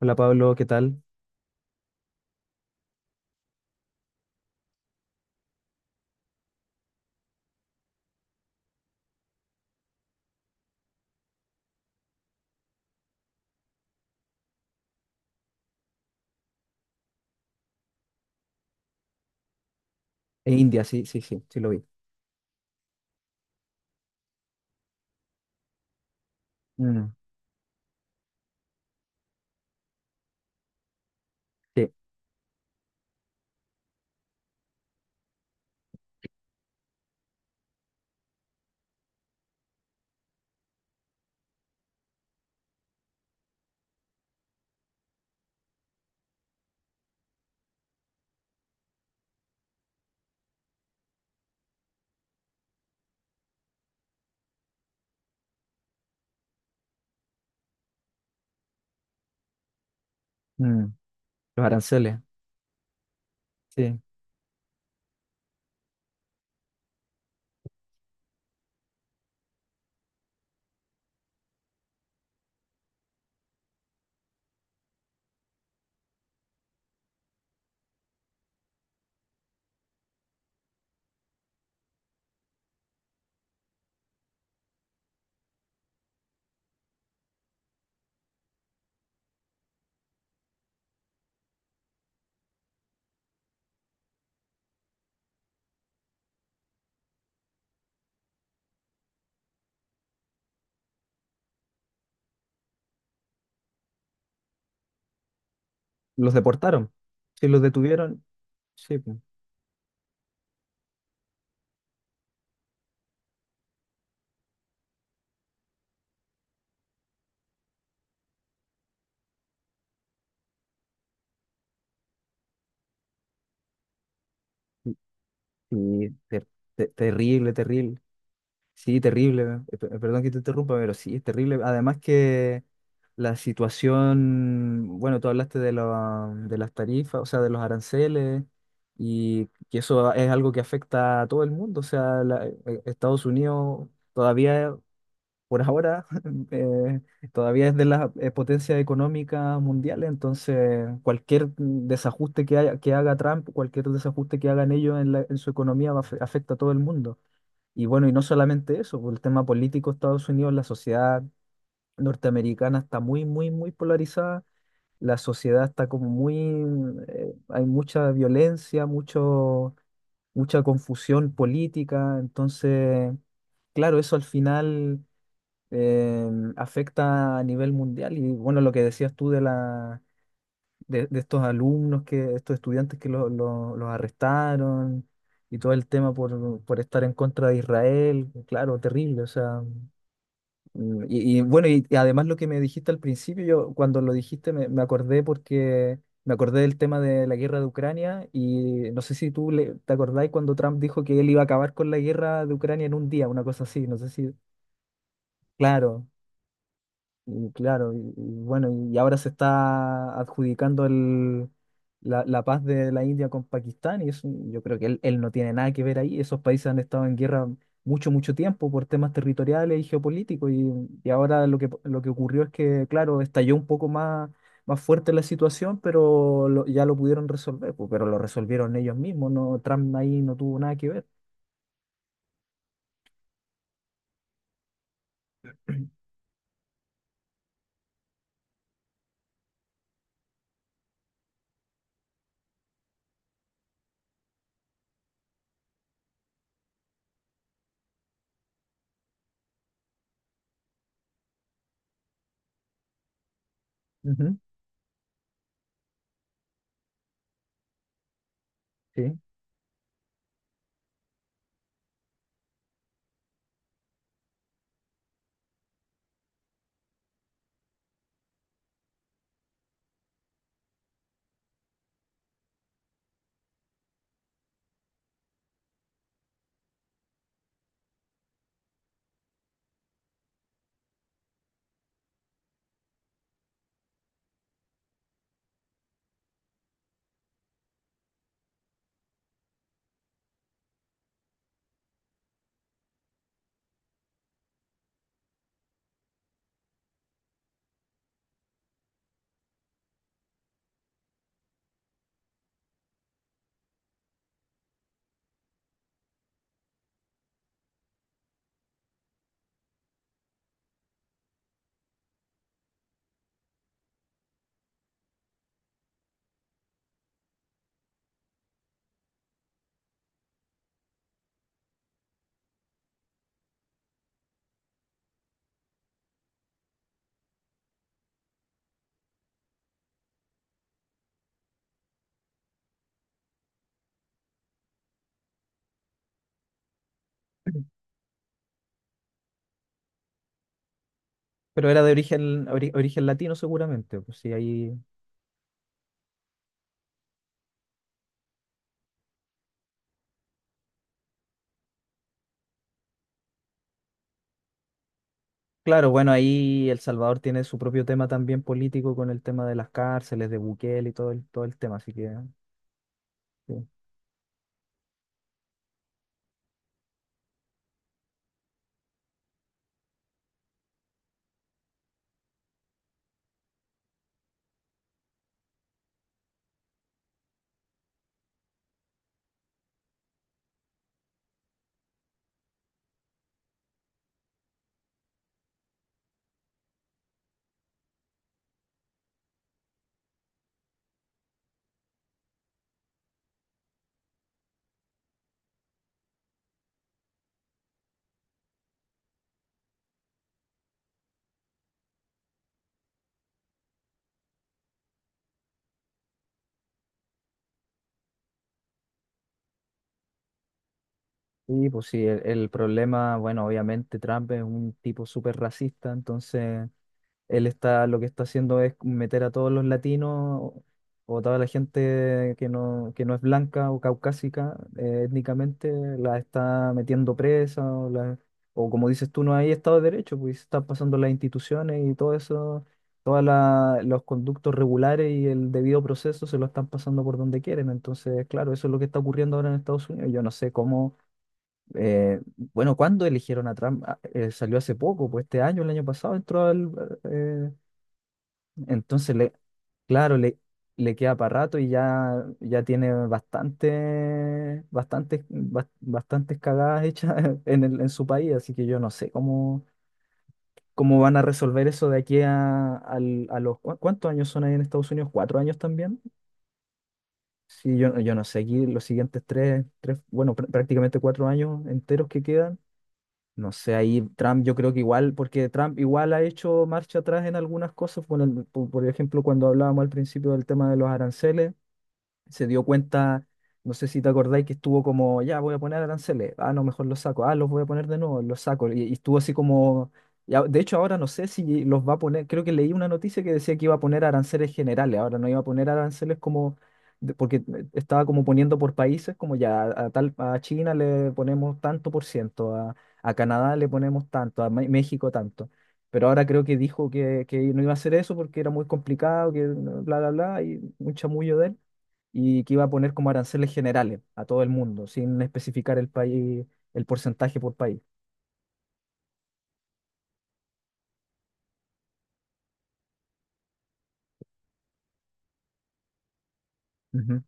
Hola Pablo, ¿qué tal? En India, sí, sí, sí, sí lo vi. Mm. Sí. Mm. Los aranceles. Sí. Los deportaron, sí, los detuvieron, sí, pues. Y- y ter- terrible, sí, terrible. Perdón que te interrumpa, pero sí, es terrible. Además que la situación, bueno, tú hablaste de, la- de las tarifas, o sea, de los aranceles, y que eso es algo que afecta a todo el mundo. Estados Unidos todavía... Por ahora eh, todavía es de las potencias económicas mundiales, entonces cualquier desajuste que haya, que haga Trump, cualquier desajuste que hagan ellos en, la- en su economía afecta a todo el mundo. Y bueno, y no solamente eso, por el tema político, Estados Unidos, la sociedad norteamericana está muy, muy, muy polarizada, la sociedad está como muy, hay mucha violencia, mucho, mucha confusión política, entonces, claro, eso al final eh, afecta a nivel mundial. Y bueno, lo que decías tú de de estos alumnos, que, estos estudiantes que los arrestaron y todo el tema por estar en contra de Israel, claro, terrible. O sea, mm, y bueno, y además lo que me dijiste al principio, yo cuando lo dijiste me, me acordé porque... Me acordé del tema de la guerra de Ucrania y no sé si tú te acordáis cuando Trump dijo que él iba a acabar con la guerra de Ucrania en un día, una cosa así, no sé si. Claro. Y claro, y bueno, y ahora se está adjudicando el, la paz de la India con Pakistán, y eso, yo creo que él no tiene nada que ver ahí. Esos países han estado en guerra mucho, mucho tiempo por temas territoriales y geopolíticos, y ahora lo que ocurrió es que, claro, estalló un poco más, más fuerte la situación, pero ya lo pudieron resolver, pues, pero lo resolvieron ellos mismos, no, Trump ahí no tuvo nada que ver. Ujú. Sí. Pero era de origen, origen latino seguramente, pues sí, ahí. Claro, bueno, ahí El Salvador tiene su propio tema también político con el tema de las cárceles, de Bukele y todo el tema, así que sí. Y pues sí, el problema, bueno, obviamente Trump es un tipo súper racista, entonces él está, lo que está haciendo es meter a todos los latinos o toda la gente que no es blanca o caucásica étnicamente, la está metiendo presa o o como dices tú, no hay Estado de Derecho, pues están pasando las instituciones y todo eso, todos los conductos regulares y el debido proceso se lo están pasando por donde quieren. Entonces, claro, eso es lo que está ocurriendo ahora en Estados Unidos. Yo no sé cómo... eh, bueno, ¿cuándo eligieron a Trump? Ah, salió hace poco, pues este año, el año pasado entró al, eh, entonces, le, claro, le queda para rato. Y ya, ya tiene bastante, bastantes cagadas hechas en en su país, así que yo no sé cómo, cómo van a resolver eso de aquí a a los... Cuántos años son ahí en Estados Unidos? ¿Cuatro años también? Sí, yo no sé, aquí los siguientes tres, tres, bueno, prácticamente cuatro años enteros que quedan. No sé, ahí Trump yo creo que igual, porque Trump igual ha hecho marcha atrás en algunas cosas, por por ejemplo, cuando hablábamos al principio del tema de los aranceles, se dio cuenta, no sé si te acordáis que estuvo como, ya voy a poner aranceles, ah, no, mejor los saco, ah, los voy a poner de nuevo, los saco, y estuvo así como, y de hecho ahora no sé si los va a poner, creo que leí una noticia que decía que iba a poner aranceles generales, ahora no iba a poner aranceles como, porque estaba como poniendo por países, como ya a, tal, a China le ponemos tanto por ciento, a Canadá le ponemos tanto, a México tanto. Pero ahora creo que dijo que no iba a hacer eso porque era muy complicado, que bla, bla, bla, y un chamullo de él, y que iba a poner como aranceles generales a todo el mundo, sin especificar el país, el porcentaje por país. Ujú.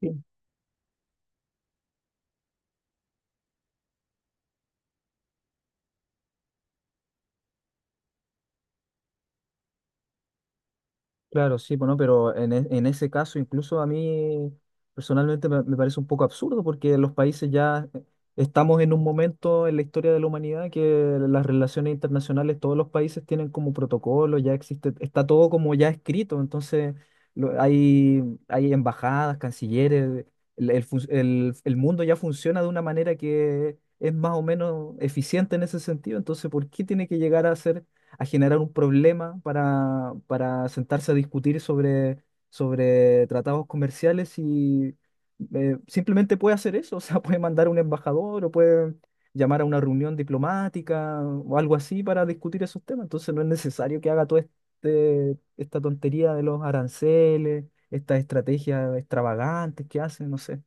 Sí. Claro, sí, bueno, pero en, en ese caso incluso a mí personalmente me, me parece un poco absurdo porque los países ya estamos en un momento en la historia de la humanidad que las relaciones internacionales, todos los países tienen como protocolo, ya existe, está todo como ya escrito, entonces hay, hay embajadas, cancilleres, el, el mundo ya funciona de una manera que es más o menos eficiente en ese sentido, entonces ¿por qué tiene que llegar a ser a generar un problema para sentarse a discutir sobre, sobre tratados comerciales y simplemente puede hacer eso? O sea, puede mandar a un embajador o puede llamar a una reunión diplomática o algo así para discutir esos temas. Entonces no es necesario que haga toda este, esta tontería de los aranceles, estas estrategias extravagantes que hacen, no sé.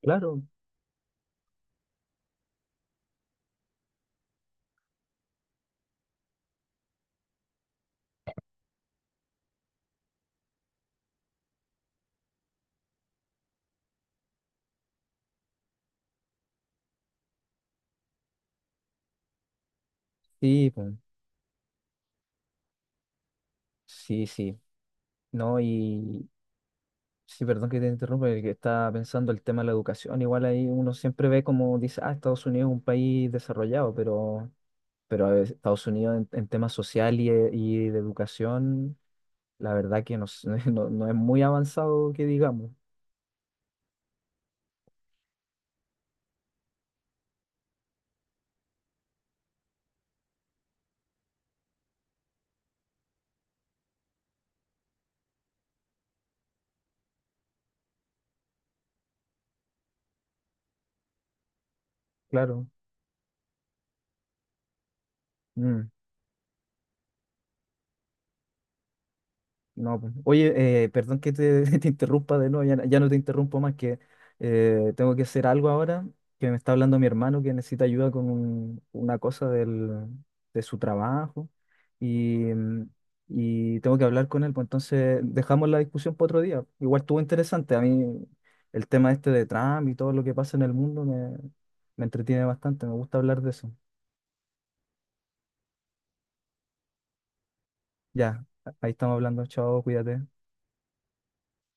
Claro, sí, pues, sí, sí. No, y, sí, perdón que te interrumpa, que estaba pensando el tema de la educación. Igual ahí uno siempre ve como dice, ah, Estados Unidos es un país desarrollado, pero a ver, Estados Unidos en temas social y, y de educación, la verdad que no, no, no es muy avanzado que digamos, claro. Mm. No, pues, oye, perdón que te te interrumpa de nuevo, ya, no, ya no te interrumpo más, que tengo que hacer algo ahora, que me está hablando mi hermano que necesita ayuda con una cosa del, de su trabajo, y, mm, y tengo que hablar con él, pues entonces dejamos la discusión para otro día. Igual estuvo interesante, a mí el tema este de Trump y todo lo que pasa en el mundo me, me entretiene bastante, me gusta hablar de eso. Ya, ahí estamos hablando, chao, cuídate.